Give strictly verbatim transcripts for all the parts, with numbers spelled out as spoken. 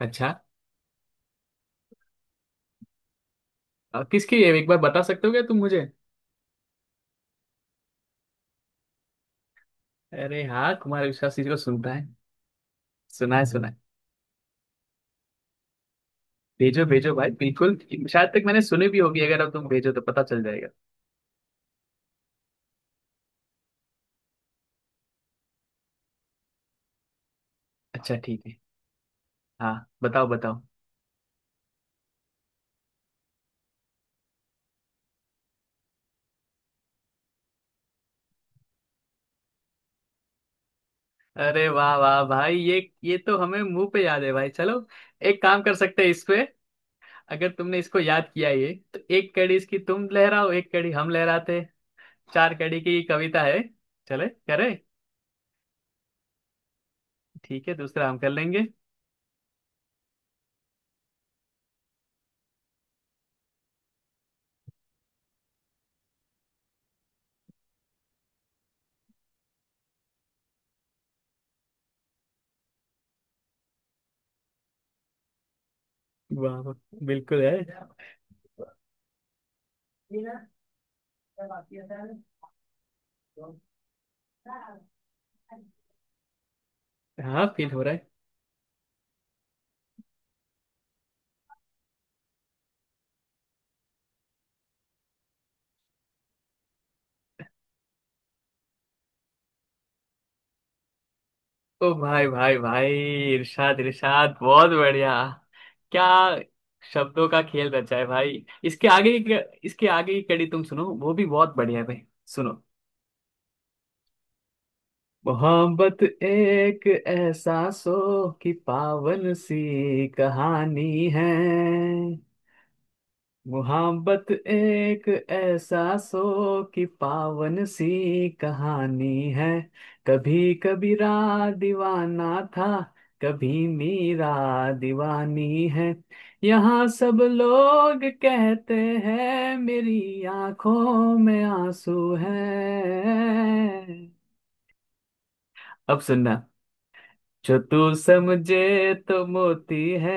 अच्छा। अ, किसकी है, एक बार बता सकते हो क्या तुम मुझे? अरे हाँ, कुमार विश्वास जी को सुनता है। सुना है सुना है। भेजो भेजो भाई, बिल्कुल। शायद तक मैंने सुनी भी होगी, अगर अब तुम भेजो तो पता चल जाएगा। अच्छा ठीक है। हाँ, बताओ बताओ। अरे वाह वाह भाई, ये ये तो हमें मुंह पे याद है भाई। चलो। एक काम कर सकते हैं इस पे। अगर तुमने इसको याद किया ये तो एक कड़ी इसकी तुम लहराओ, एक कड़ी हम लहराते हैं। चार कड़ी की कविता है। चले करे। ठीक है, दूसरा हम कर लेंगे। वाह वाह, बिल्कुल है। हाँ, फील हो रहा है। ओ भाई भाई भाई, इरशाद इरशाद, बहुत बढ़िया। क्या शब्दों का खेल रचा है भाई। इसके आगे की इसके आगे की कड़ी तुम सुनो, वो भी बहुत बढ़िया है भाई। सुनो। मोहब्बत एक एहसासों की पावन सी कहानी है। मोहब्बत एक एहसासों की पावन सी कहानी है। कभी कबीरा दीवाना था, कभी मीरा दीवानी है। यहाँ सब लोग कहते हैं मेरी आंखों में आंसू है। अब सुनना। जो तू समझे तो मोती है,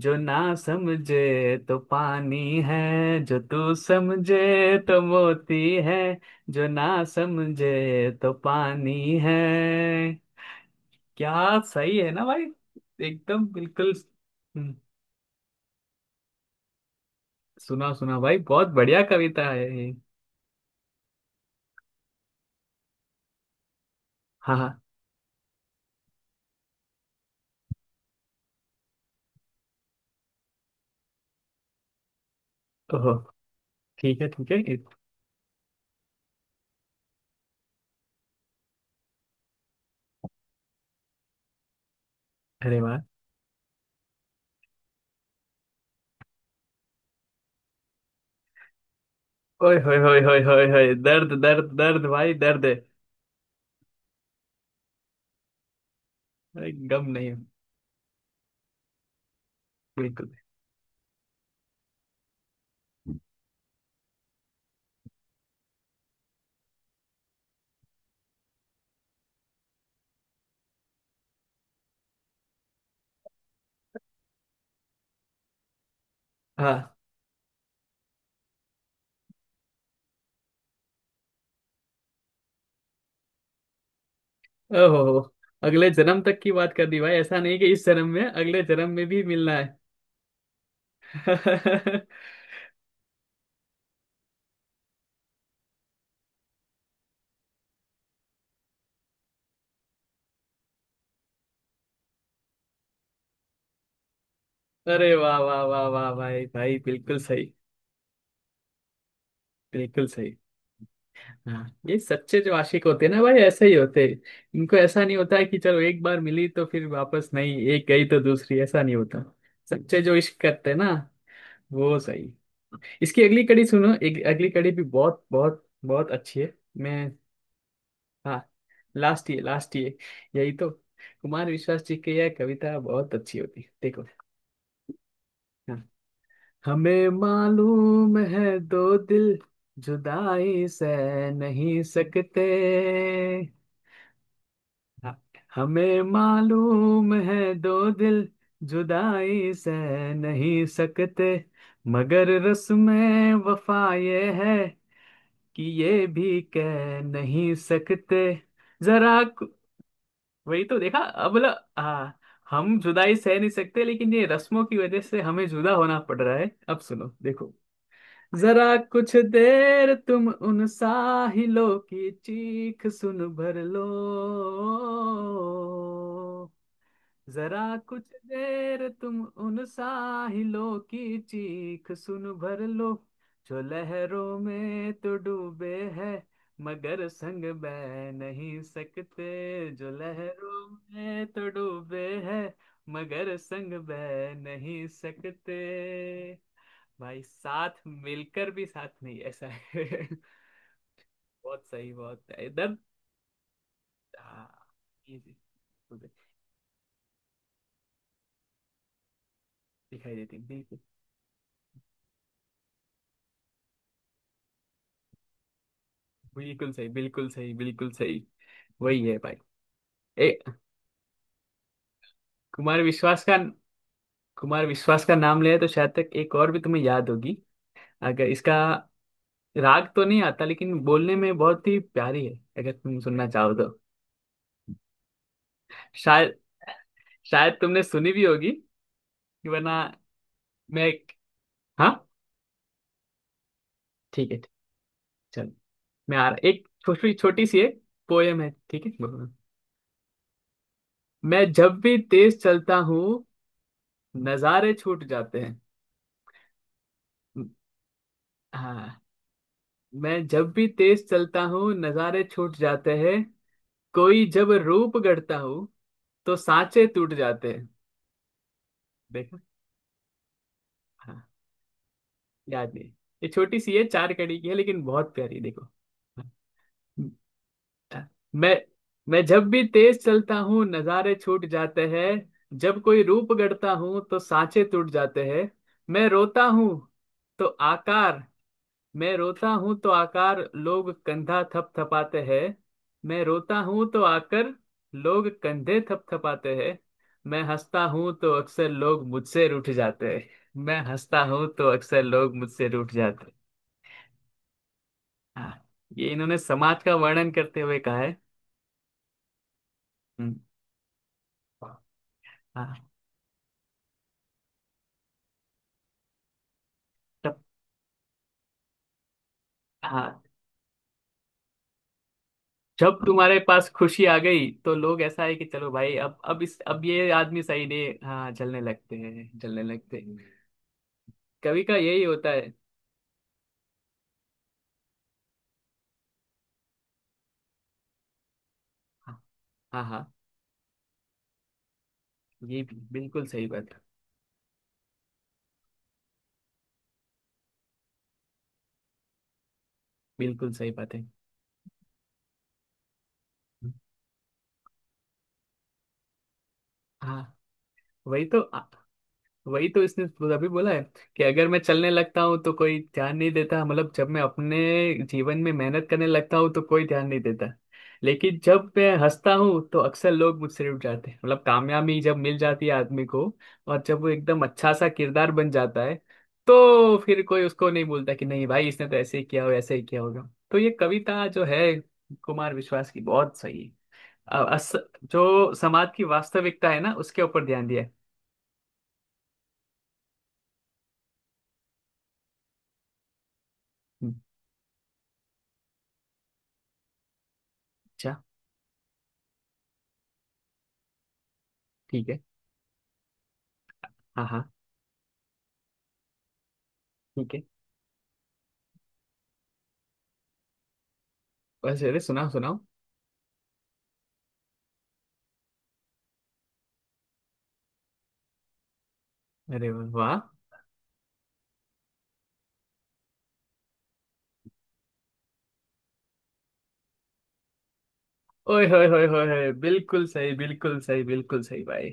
जो ना समझे तो पानी है। जो तू समझे तो मोती है, जो ना समझे तो पानी है। क्या सही है ना भाई। एकदम बिल्कुल। हम्म, सुना सुना भाई, बहुत बढ़िया कविता है ये। हाँ हाँ। ओहो, ठीक है ठीक है इत- अरे वाह। ओए होए होए होए होए होए, दर्द दर्द दर्द भाई, दर्द है। अरे, गम नहीं, बिल्कुल। हाँ। ओहो, अगले जन्म तक की बात कर दी भाई, ऐसा नहीं कि इस जन्म में, अगले जन्म में भी मिलना है। अरे वाह वाह वाह वाह भाई भाई, बिल्कुल सही बिल्कुल सही। हाँ, ये सच्चे जो आशिक होते हैं ना भाई, ऐसे ही होते हैं। इनको ऐसा नहीं होता है कि चलो एक बार मिली तो फिर वापस नहीं, एक गई तो दूसरी, ऐसा नहीं होता। सच्चे जो इश्क करते हैं ना, वो सही। इसकी अगली कड़ी सुनो, एक अगली कड़ी भी बहुत बहुत बहुत अच्छी है। मैं हाँ। लास्ट ये लास्ट ये यही तो कुमार विश्वास जी की यह कविता बहुत अच्छी होती है, देखो। हाँ, हमें मालूम है दो दिल जुदाई सह नहीं सकते। हाँ, हमें मालूम है दो दिल जुदाई सह नहीं सकते, मगर रस्में वफा ये है कि ये भी कह नहीं सकते। जरा, वही तो देखा अब, मतलब हाँ। हम जुदाई सह नहीं सकते, लेकिन ये रस्मों की वजह से हमें जुदा होना पड़ रहा है। अब सुनो, देखो। जरा कुछ देर तुम उन साहिलों की चीख सुन भर लो। जरा कुछ देर तुम उन साहिलों की चीख सुन भर लो। जो लहरों में तो डूबे हैं, मगर संग बह नहीं सकते। जो लहरों में तो डूबे हैं, मगर संग बह नहीं सकते। भाई साथ मिलकर भी साथ नहीं, ऐसा है। बहुत सही, बहुत है इधर। हाँ, ये जी, मुझे दिखाई देती है। बिल्कुल। बिल्कुल सही, बिल्कुल सही, बिल्कुल सही। वही है भाई। ए, कुमार विश्वास का कुमार विश्वास का नाम लिया तो शायद तक एक और भी तुम्हें याद होगी। अगर इसका राग तो नहीं आता, लेकिन बोलने में बहुत ही प्यारी है। अगर तुम सुनना चाहो तो। शायद शायद तुमने सुनी भी होगी, वरना। मैं एक हाँ। ठीक है ठीक, चलो। मैं आ रहा, एक छोटी छोटी सी एक पोयम है, ठीक है? बोलो। मैं जब भी तेज चलता हूँ, नजारे छूट जाते हैं। हाँ, मैं जब भी तेज चलता हूँ, नजारे छूट जाते हैं। कोई जब रूप गढ़ता हूँ, तो सांचे टूट जाते हैं। देखो। हाँ, याद नहीं। ये छोटी सी है, चार कड़ी की है, लेकिन बहुत प्यारी। देखो। हाँ, मैं मैं जब भी तेज चलता हूँ, नजारे छूट जाते हैं। जब कोई रूप गढ़ता हूँ तो सांचे टूट जाते हैं। मैं रोता हूँ तो आकार मैं रोता हूं तो आकार लोग कंधा थपथपाते हैं। मैं रोता हूं तो आकर लोग कंधे थपथपाते हैं। मैं हंसता हूं तो अक्सर लोग मुझसे रूठ जाते हैं। मैं हंसता हूं तो अक्सर लोग मुझसे रूठ जाते हैं। हाँ, ये इन्होंने समाज का वर्णन करते हुए कहा है। हम्म। हाँ। तब। हाँ, जब तुम्हारे पास खुशी आ गई तो लोग ऐसा है कि चलो भाई, अब अब इस अब ये आदमी सही नहीं है। हाँ, जलने लगते हैं जलने लगते हैं। कवि का यही होता है। हाँ हाँ। ये भी बिल्कुल सही बात है। बिल्कुल सही बात है। हाँ। वही तो आ- वही तो इसने अभी बोला है, कि अगर मैं चलने लगता हूँ तो कोई ध्यान नहीं देता, मतलब जब मैं अपने जीवन में मेहनत करने लगता हूँ तो कोई ध्यान नहीं देता। लेकिन जब मैं हंसता हूँ तो अक्सर लोग मुझसे रुठ जाते हैं, मतलब कामयाबी जब मिल जाती है आदमी को, और जब वो एकदम अच्छा सा किरदार बन जाता है, तो फिर कोई उसको नहीं बोलता कि नहीं भाई इसने तो ऐसे ही किया हो, ऐसे ही किया होगा। तो ये कविता जो है कुमार विश्वास की, बहुत सही है। अ- अस, जो समाज की वास्तविकता है ना, उसके ऊपर ध्यान दिया है। हम्म। अच्छा ठीक है। हाँ हाँ, ठीक है। बस अरे, सुनाओ सुनाओ। अरे वाह। ओए होए होए होए होए, बिल्कुल सही, बिल्कुल सही, बिल्कुल सही भाई।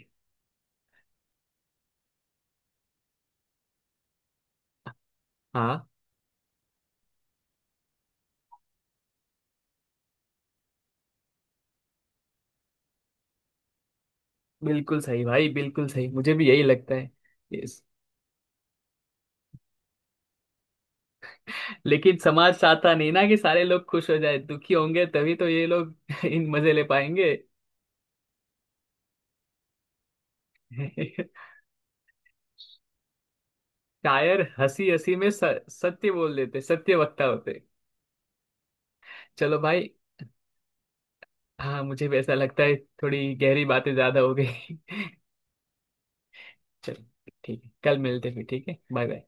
हाँ, बिल्कुल सही भाई, बिल्कुल सही, मुझे भी यही लगता है। यस। लेकिन समाज चाहता नहीं ना कि सारे लोग खुश हो जाए, दुखी होंगे तभी तो ये लोग इन मजे ले पाएंगे। शायर हंसी हंसी में स- सत्य बोल देते, सत्य वक्ता होते। चलो भाई। हाँ, मुझे भी ऐसा लगता है। थोड़ी गहरी बातें ज्यादा हो गई। चलो ठीक है। कल मिलते हैं फिर। ठीक है, बाय बाय।